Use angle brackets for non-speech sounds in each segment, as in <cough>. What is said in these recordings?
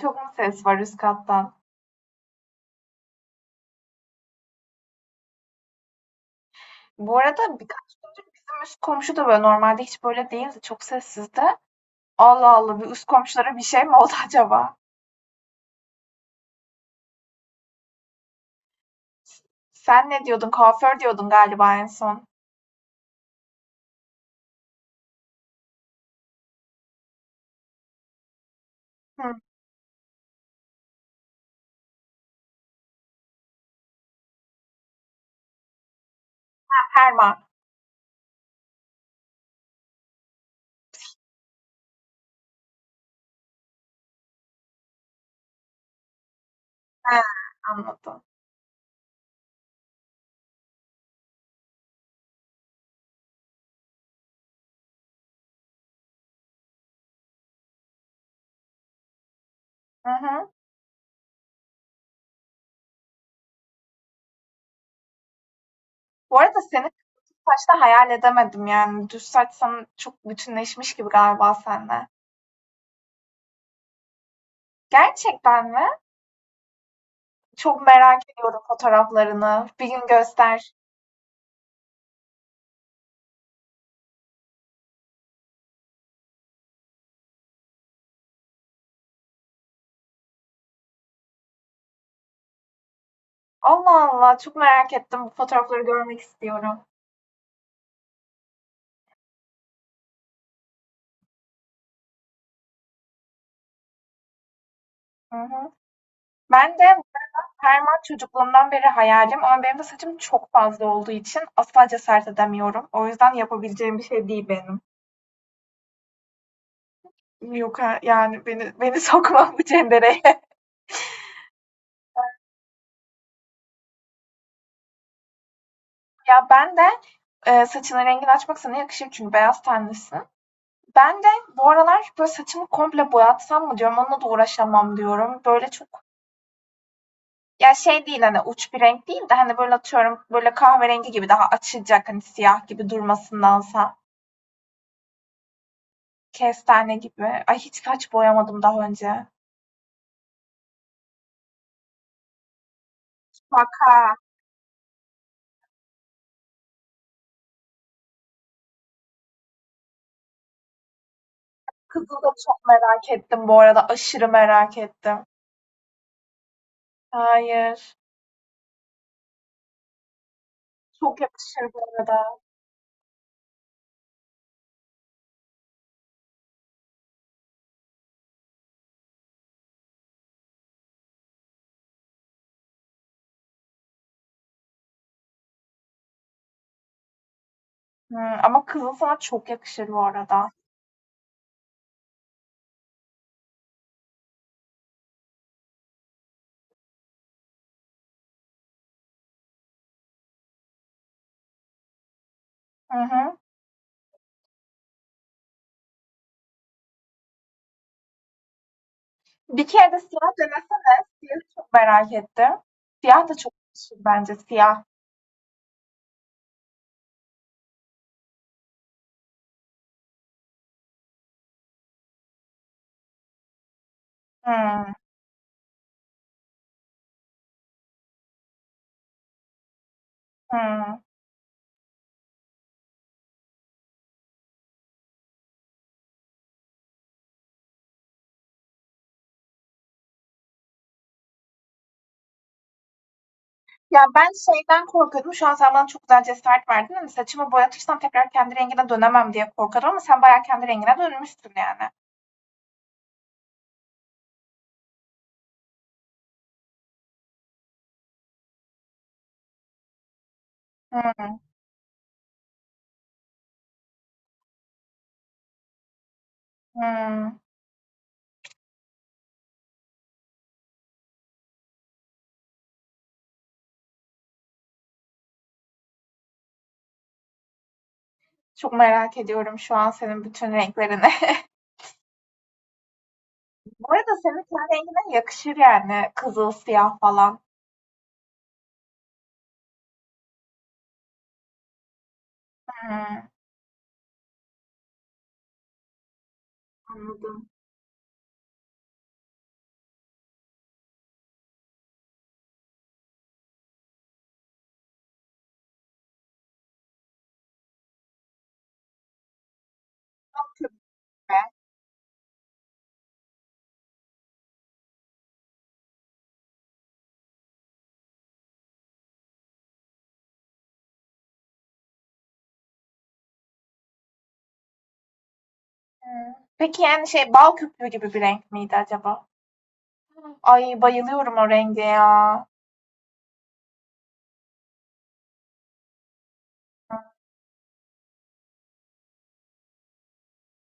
Çok mu ses var üst kattan? Bu arada birkaç gündür bizim üst komşu da böyle normalde hiç böyle değildi. Çok sessizdi. Allah Allah bir üst komşulara bir şey mi oldu <laughs> acaba? Sen ne diyordun? Kuaför diyordun galiba en son. Hı, Herman. He, anladım. Hı hı. Bu arada seni kısa saçta hayal edemedim yani. Düz saç sana çok bütünleşmiş gibi galiba seninle. Gerçekten mi? Çok merak ediyorum fotoğraflarını. Bir gün göster. Allah Allah çok merak ettim. Bu fotoğrafları görmek istiyorum. Hı hı. Ben de permak çocukluğumdan beri hayalim, ama benim de saçım çok fazla olduğu için asla cesaret edemiyorum. O yüzden yapabileceğim bir şey değil benim. Yok yani beni <laughs> sokma bu cendereye. Ya ben de saçının rengini açmak sana yakışır çünkü beyaz tenlisin. Ben de bu aralar böyle saçımı komple boyatsam mı diyorum, onunla da uğraşamam diyorum. Böyle çok ya şey değil, hani uç bir renk değil de hani böyle atıyorum böyle kahverengi gibi, daha açılacak hani siyah gibi durmasındansa. Kestane gibi. Ay, hiç saç boyamadım daha önce. Bak ha. Kızıl da çok merak ettim bu arada. Aşırı merak ettim. Hayır. Çok yakışır bu arada. Hı, ama kızıl sana çok yakışır bu arada. Hı hı. Bir kere de siyah denesene. Siyah çok merak ettim. Siyah da çok yakışır bence. Siyah. Hı, hı. Ya ben şeyden korkuyordum. Şu an sen bana çok güzel cesaret verdin. Hani saçımı boyatırsam tekrar kendi rengine dönemem diye korkuyordum ama sen bayağı kendi rengine dönmüşsün yani. Hı. Hımm. Çok merak ediyorum şu an senin bütün renklerini. <laughs> Bu arada senin ten rengine yakışır yani kızıl, siyah falan. Hımm, anladım. Hımm. Peki, yani, şey, bal köpüğü gibi bir renk miydi acaba? Hmm. Ay, bayılıyorum o renge ya.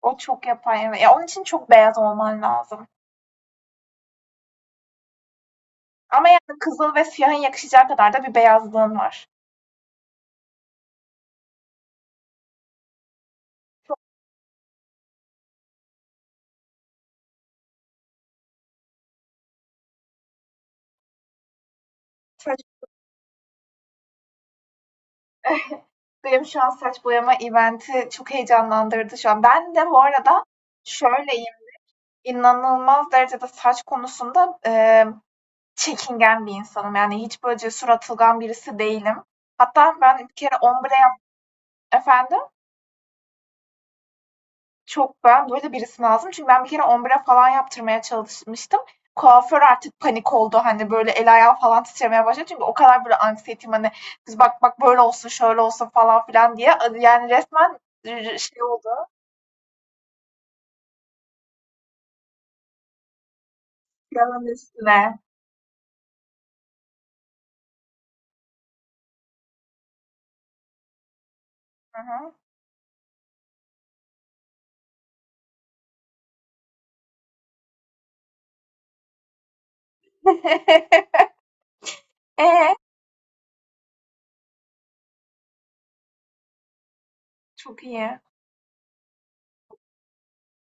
O çok yapar, evet. Ya, onun için çok beyaz olman lazım. Ama yani kızıl ve siyahın yakışacağı kadar da bir beyazlığın var. Saç, benim şu an saç boyama event'i çok heyecanlandırdı şu an. Ben de bu arada şöyle İnanılmaz derecede saç konusunda, çekingen bir insanım. Yani hiç böyle cesur, atılgan birisi değilim. Hatta ben bir kere ombre yap— Efendim? Çok ben böyle birisi lazım. Çünkü ben bir kere ombre falan yaptırmaya çalışmıştım. Kuaför artık panik oldu. Hani, böyle el ayağı falan titremeye başladı. Çünkü o kadar böyle anksiyetim hani, "Kız bak bak böyle olsun, şöyle olsun." falan filan diye. Yani resmen şey oldu, yağın üstüne. Hı hı. <laughs> Eee? Çok iyi.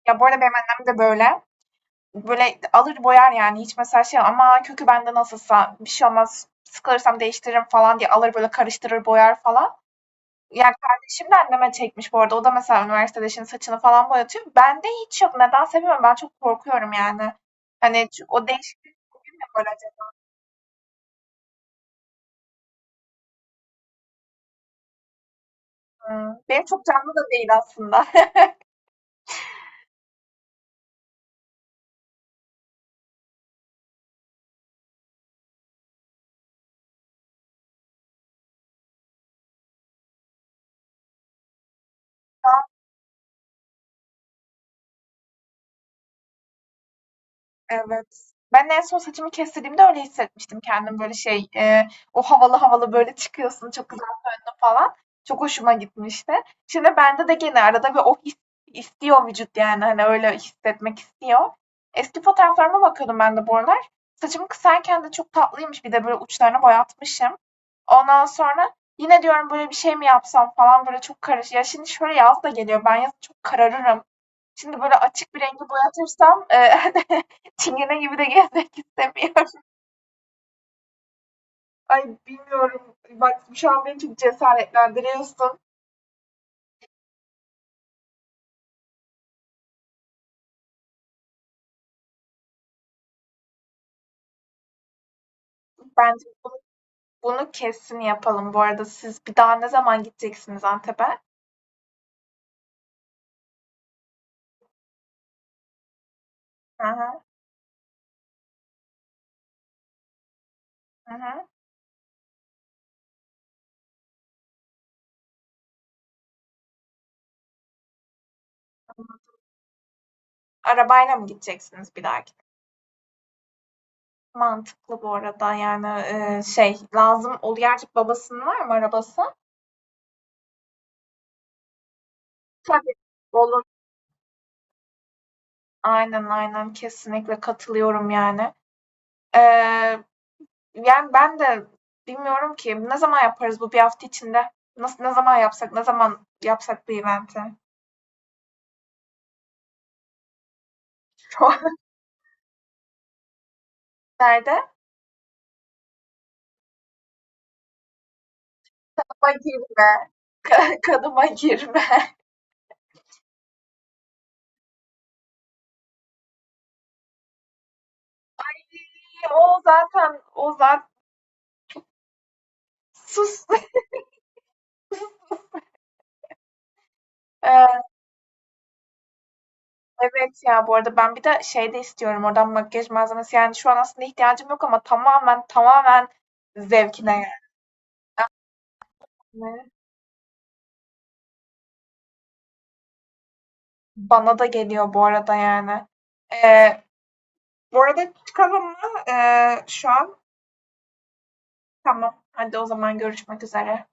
Ya, bu arada benim annem de böyle. Böyle alır boyar, yani hiç mesela şey, ama kökü bende nasılsa bir şey olmaz, sıkılırsam değiştiririm falan diye alır böyle karıştırır boyar falan. Yani kardeşim de anneme çekmiş bu arada. O da mesela üniversitede şimdi saçını falan boyatıyor. Bende hiç yok. Nedense bilmiyorum. Ben çok korkuyorum yani. Hani çünkü o değişiklik bugün mü var acaba? Hı. Benim çok canlı da değil aslında. <laughs> Evet. Ben en son saçımı kestirdiğimde öyle hissetmiştim kendim, böyle şey o havalı havalı böyle çıkıyorsun çok falan. Çok hoşuma gitmişti. Şimdi bende de gene arada bir o his istiyor vücut, yani hani öyle hissetmek istiyor. Eski fotoğraflarıma bakıyordum ben de bu aralar. Saçımı kısarken de çok tatlıymış, bir de böyle uçlarını boyatmışım. Ondan sonra yine diyorum böyle bir şey mi yapsam falan, böyle çok karış. Ya şimdi şöyle yaz da geliyor, ben yazın çok kararırım. Şimdi böyle açık bir rengi boyatırsam <laughs> çingene gibi de gezmek istemiyorum. Ay bilmiyorum. Bak şu an beni çok cesaretlendiriyorsun. Bence bunu kesin yapalım bu arada. Siz bir daha ne zaman gideceksiniz Antep'e? Hı hı, hı hı. Arabayla mı gideceksiniz bir dahaki? Mantıklı bu arada yani, şey lazım ol, gerçek babasının var mı arabası? Tabii. Olur. Aynen aynen, kesinlikle katılıyorum yani. Ee, yani ben de bilmiyorum ki ne zaman yaparız bu bir hafta içinde? Nasıl, ne zaman yapsak, ne zaman yapsak bu eventi? <laughs> Nerede? Kadıma girme. <laughs> Kadıma girme. O zaten sus. <laughs> Eee, evet ya, bu arada ben bir de şey de istiyorum oradan, makyaj malzemesi. Yani şu an aslında ihtiyacım yok ama tamamen zevkine yani. Bana da geliyor bu arada yani. Eee bu arada çıkalım mı? Şu an tamam. Hadi o zaman görüşmek üzere.